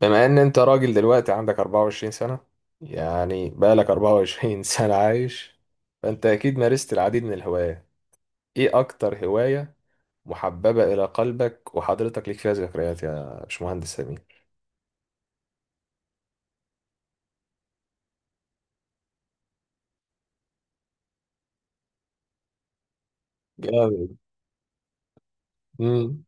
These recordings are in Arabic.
بما ان انت راجل دلوقتي عندك 24 سنة، يعني بقالك 24 سنة عايش. فانت اكيد مارست العديد من الهوايات. ايه اكتر هواية محببة الى قلبك وحضرتك ليك فيها ذكريات يا باشمهندس سمير؟ جامد. امم.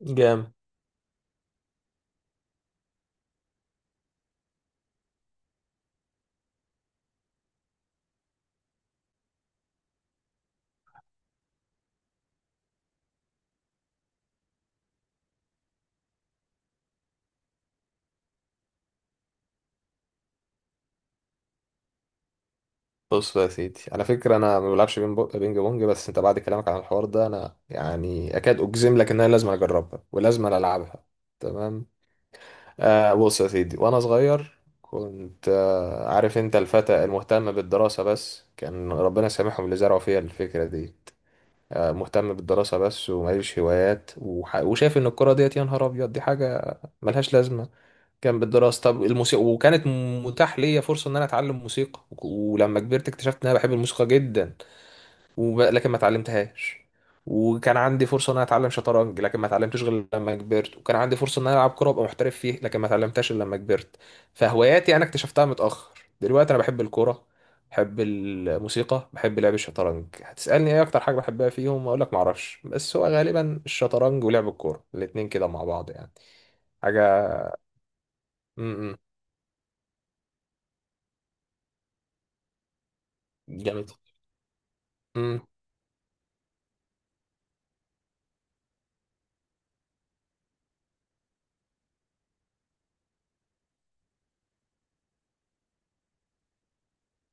جامد. بص بقى يا سيدي، على فكرة انا ما بلعبش بينج بونج، بس انت بعد كلامك عن الحوار ده انا يعني اكاد اجزم لك ان انا لازم اجربها ولازم العبها. تمام. بص يا سيدي، وانا صغير كنت عارف انت الفتى المهتم بالدراسة بس، كان ربنا سامحهم اللي زرعوا فيها الفكرة دي. آه، مهتم بالدراسة بس وماليش هوايات وشايف ان الكرة ديت، يا نهار ابيض، دي حاجة ملهاش لازمة. كان بالدراسة. طب الموسيقى، وكانت متاح ليا فرصة ان انا اتعلم موسيقى ولما كبرت اكتشفت ان انا بحب الموسيقى جدا، لكن ما اتعلمتهاش. وكان عندي فرصه ان انا اتعلم شطرنج لكن ما اتعلمتش غير لما كبرت، وكان عندي فرصه ان انا العب كوره وابقى محترف فيه لكن ما اتعلمتهاش الا لما كبرت. فهواياتي انا اكتشفتها متاخر. دلوقتي انا بحب الكوره، بحب الموسيقى، بحب لعب الشطرنج. هتسالني ايه اكتر حاجه بحبها فيهم؟ اقول لك ما اعرفش، بس هو غالبا الشطرنج ولعب الكوره، الاتنين كده مع بعض يعني. حاجه. امم جامد.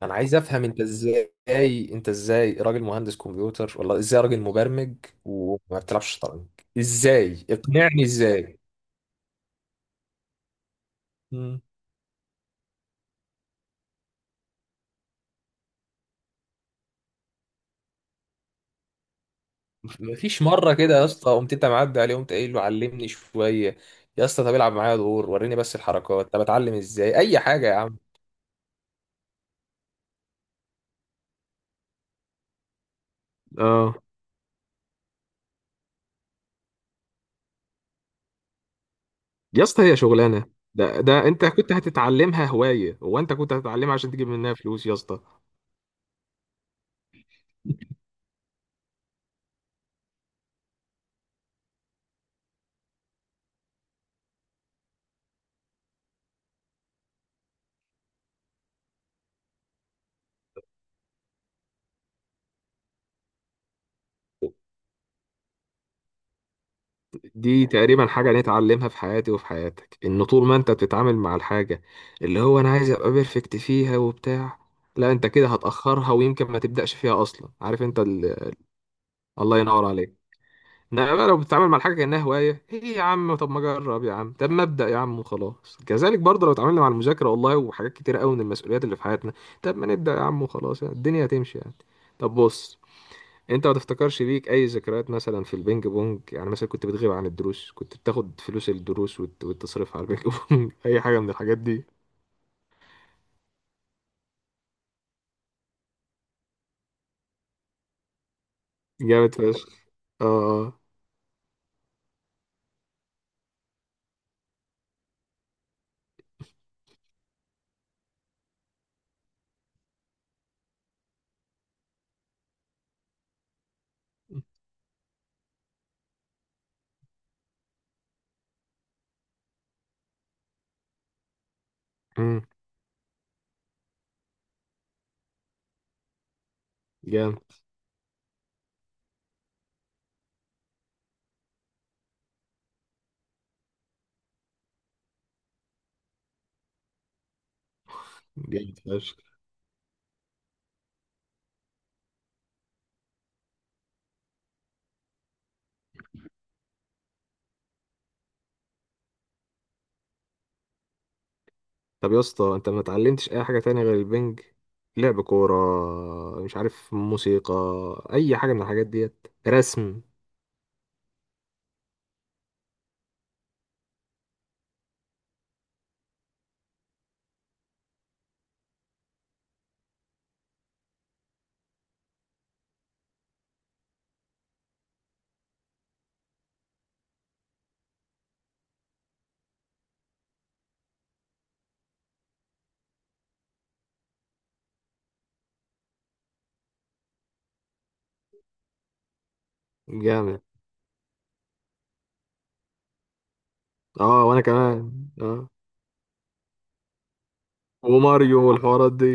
انا عايز افهم انت ازاي، انت ازاي راجل مهندس كمبيوتر ولا ازاي راجل مبرمج وما بتلعبش شطرنج؟ ازاي؟ اقنعني ازاي؟ مم. مفيش مره كده يا اسطى قمت انت معدي عليه قمت قايل له علمني شويه؟ يا اسطى طب العب معايا دور وريني بس الحركات، طب اتعلم ازاي، اي حاجه يا عم. اه. يا اسطى هي شغلانه؟ ده ده انت كنت هتتعلمها هوايه، هو انت كنت هتتعلمها عشان تجيب منها فلوس يا اسطى؟ دي تقريبا حاجة أنا اتعلمها في حياتي وفي حياتك، إن طول ما أنت بتتعامل مع الحاجة اللي هو أنا عايز أبقى بيرفكت فيها وبتاع، لا، أنت كده هتأخرها ويمكن ما تبدأش فيها أصلا. عارف أنت ال...؟ الله ينور عليك. إنما بقى لو بتتعامل مع الحاجة كأنها هواية، إيه يا عم، طب ما أجرب يا عم، طب ما أبدأ يا عم وخلاص. كذلك برضه لو اتعاملنا مع المذاكرة والله وحاجات كتير قوي من المسؤوليات اللي في حياتنا، طب ما نبدأ يا عم وخلاص، يعني الدنيا هتمشي يعني. طب بص، انت ما تفتكرش ليك اي ذكريات مثلا في البينج بونج؟ يعني مثلا كنت بتغيب عن الدروس، كنت بتاخد فلوس الدروس وتصرفها على البينج بونج اي حاجه من الحاجات دي. جامد فشخ. اه. آه. امم جامد. جامد فشخ. طب يا اسطى انت ما اتعلمتش اي حاجه تانية غير البنج؟ لعب كوره، مش عارف، موسيقى، اي حاجه من الحاجات ديت، رسم؟ جامد. اه وانا كمان اه. وماريو والحوارات دي.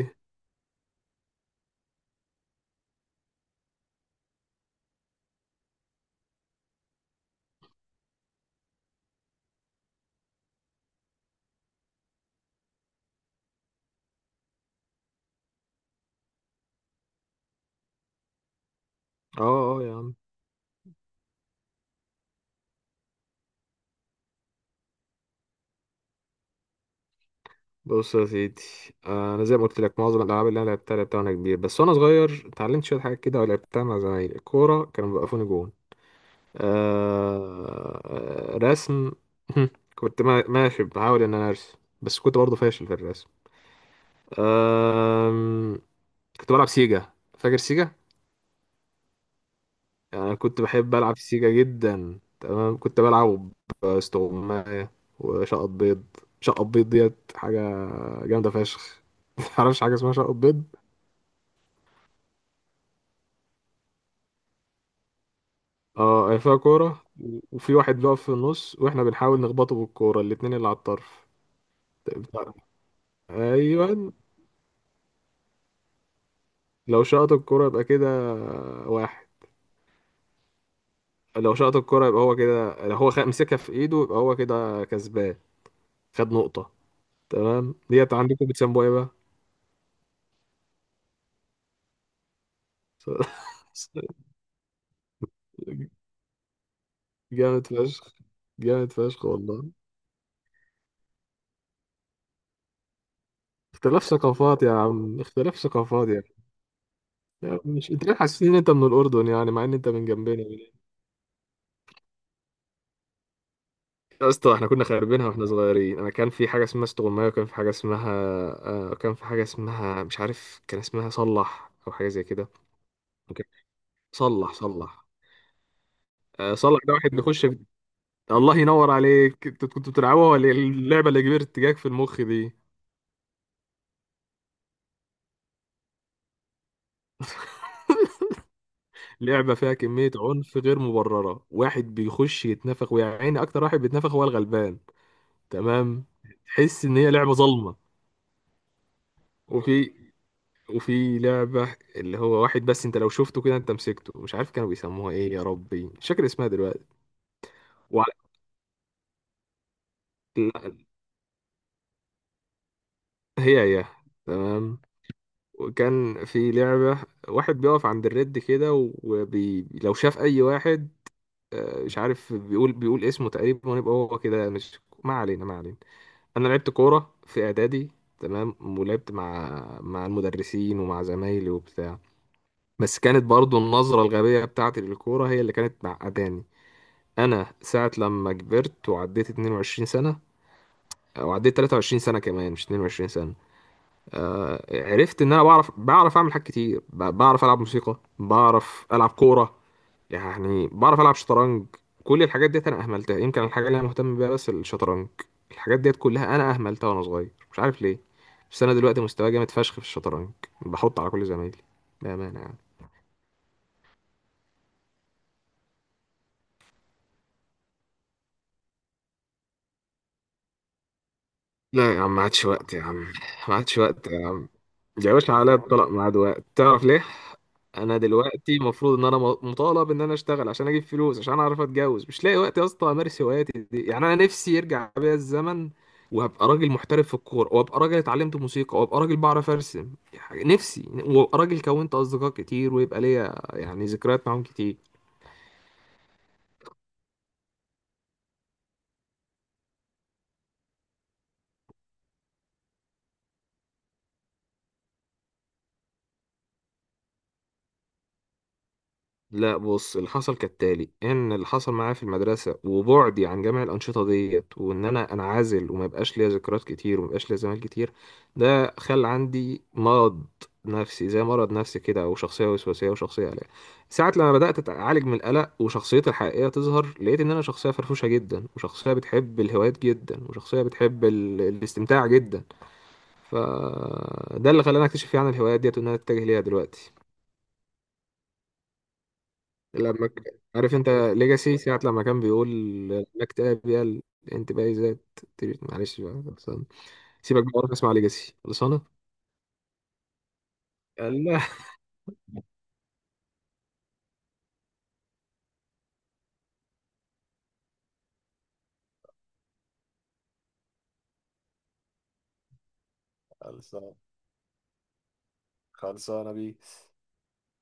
اه اه يا عم. بص يا سيدي، انا زي ما قلت لك معظم الالعاب اللي انا لعبتها لعبتها وانا كبير. بس وانا صغير اتعلمت شويه حاجات كده ولعبتها مع زمايلي. الكوره كانوا بيوقفوني جون. آه، آه، رسم. كنت ماشي بحاول ان انا ارسم بس كنت برضه فاشل في الرسم. آم، كنت بلعب سيجا. فاكر سيجا؟ يعني انا كنت بحب العب سيجا جدا. تمام. كنت بلعب استغماية وشقط بيض. شقط بيض ديت حاجه جامده فشخ. معرفش حاجه اسمها شقط بيض. اه، هي فيها كورة وفي واحد بيقف في النص واحنا بنحاول نخبطه بالكورة، الاتنين اللي على الطرف. بتاع- ايوه، لو شاط الكورة يبقى كده واحد. لو شاط الكورة يبقى هو كده، لو هو مسكها في ايده يبقى هو كده كسبان، خد نقطة. تمام. ديت عندكم بتسموها ايه بقى؟ جامد فشخ. جامد فشخ والله. اختلاف ثقافات يا عم، اختلاف ثقافات يا عم. يا عم، مش انت ليه حاسس ان انت من الأردن يعني مع ان انت من جنبنا؟ يا اسطى احنا كنا خاربينها واحنا صغيرين. انا كان في حاجه اسمها استغمايه، وكان في حاجه اسمها آه، كان في حاجه اسمها، مش عارف، كان اسمها صلح او حاجه زي كده. اوكي. صلح صلح. آه، صلح ده واحد بيخش في...؟ الله ينور عليك. انت كنت بتلعبوها ولا إيه؟ اللعبه اللي كبرت جاك في المخ دي. لعبه فيها كميه عنف غير مبرره، واحد بيخش يتنفخ، ويا عيني، اكتر واحد بيتنفخ هو الغلبان. تمام. تحس ان هي لعبه ظلمه. وفي وفي لعبة اللي هو واحد، بس انت لو شفته كده انت مسكته، مش عارف كانوا بيسموها ايه، يا ربي مش فاكر اسمها دلوقتي. وع- لا، هي هي، تمام. وكان في لعبة واحد بيقف عند الرد كده لو شاف اي واحد، آه، مش عارف، بيقول اسمه تقريبا ويبقى هو كده مش، ما علينا ما علينا. انا لعبت كورة في اعدادي، تمام، ولعبت مع المدرسين ومع زمايلي وبتاع، بس كانت برضو النظرة الغبية بتاعتي للكورة هي اللي كانت معقداني. انا ساعة لما كبرت وعديت 22 سنة، او عديت 23 سنة، كمان مش 22 سنة، آه، عرفت ان انا بعرف اعمل حاجات كتير. بعرف العب موسيقى، بعرف العب كورة، يعني بعرف العب شطرنج. كل الحاجات ديت انا اهملتها، يمكن الحاجة اللي انا مهتم بيها بس الشطرنج. الحاجات ديت كلها انا اهملتها وانا صغير، مش عارف ليه. بس انا دلوقتي مستواي جامد فشخ في الشطرنج، بحط على كل زمايلي، بأمانة يعني. لا يا عم، ما عادش وقت يا عم، ما عادش وقت. يا باشا عليا الطلاق مع دلوقتي. تعرف ليه؟ انا دلوقتي المفروض ان انا مطالب ان انا اشتغل عشان اجيب فلوس عشان اعرف اتجوز، مش لاقي وقت يا اسطى امارس هواياتي دي. يعني انا نفسي يرجع بيا الزمن وابقى راجل محترف في الكوره، وابقى راجل اتعلمت موسيقى، وابقى راجل بعرف ارسم، يعني نفسي، وابقى راجل كونت اصدقاء كتير ويبقى ليا يعني ذكريات معاهم كتير. لا بص، اللي حصل كالتالي، ان اللي حصل معايا في المدرسه وبعدي عن جميع الانشطه ديت، وان انا انعزل وما يبقاش ليا ذكريات كتير وما يبقاش ليا زمايل كتير، ده خلى عندي مرض نفسي، زي مرض نفسي كده، او شخصيه وسواسيه وشخصيه قلق. ساعه لما بدات اتعالج من القلق وشخصيتي الحقيقيه تظهر، لقيت ان انا شخصيه فرفوشه جدا، وشخصيه بتحب الهوايات جدا، وشخصيه بتحب ال... الاستمتاع جدا. فده اللي خلاني اكتشف يعني الهوايات ديت وان انا اتجه ليها دلوقتي. لما عارف انت ليجاسي ساعة لما كان بيقول انك تلاقي بيها الانتباهي ذات؟ معلش بقى، خلصانة. سيبك بقى، اروح اسمع ليجاسي، خلصانة. يلا.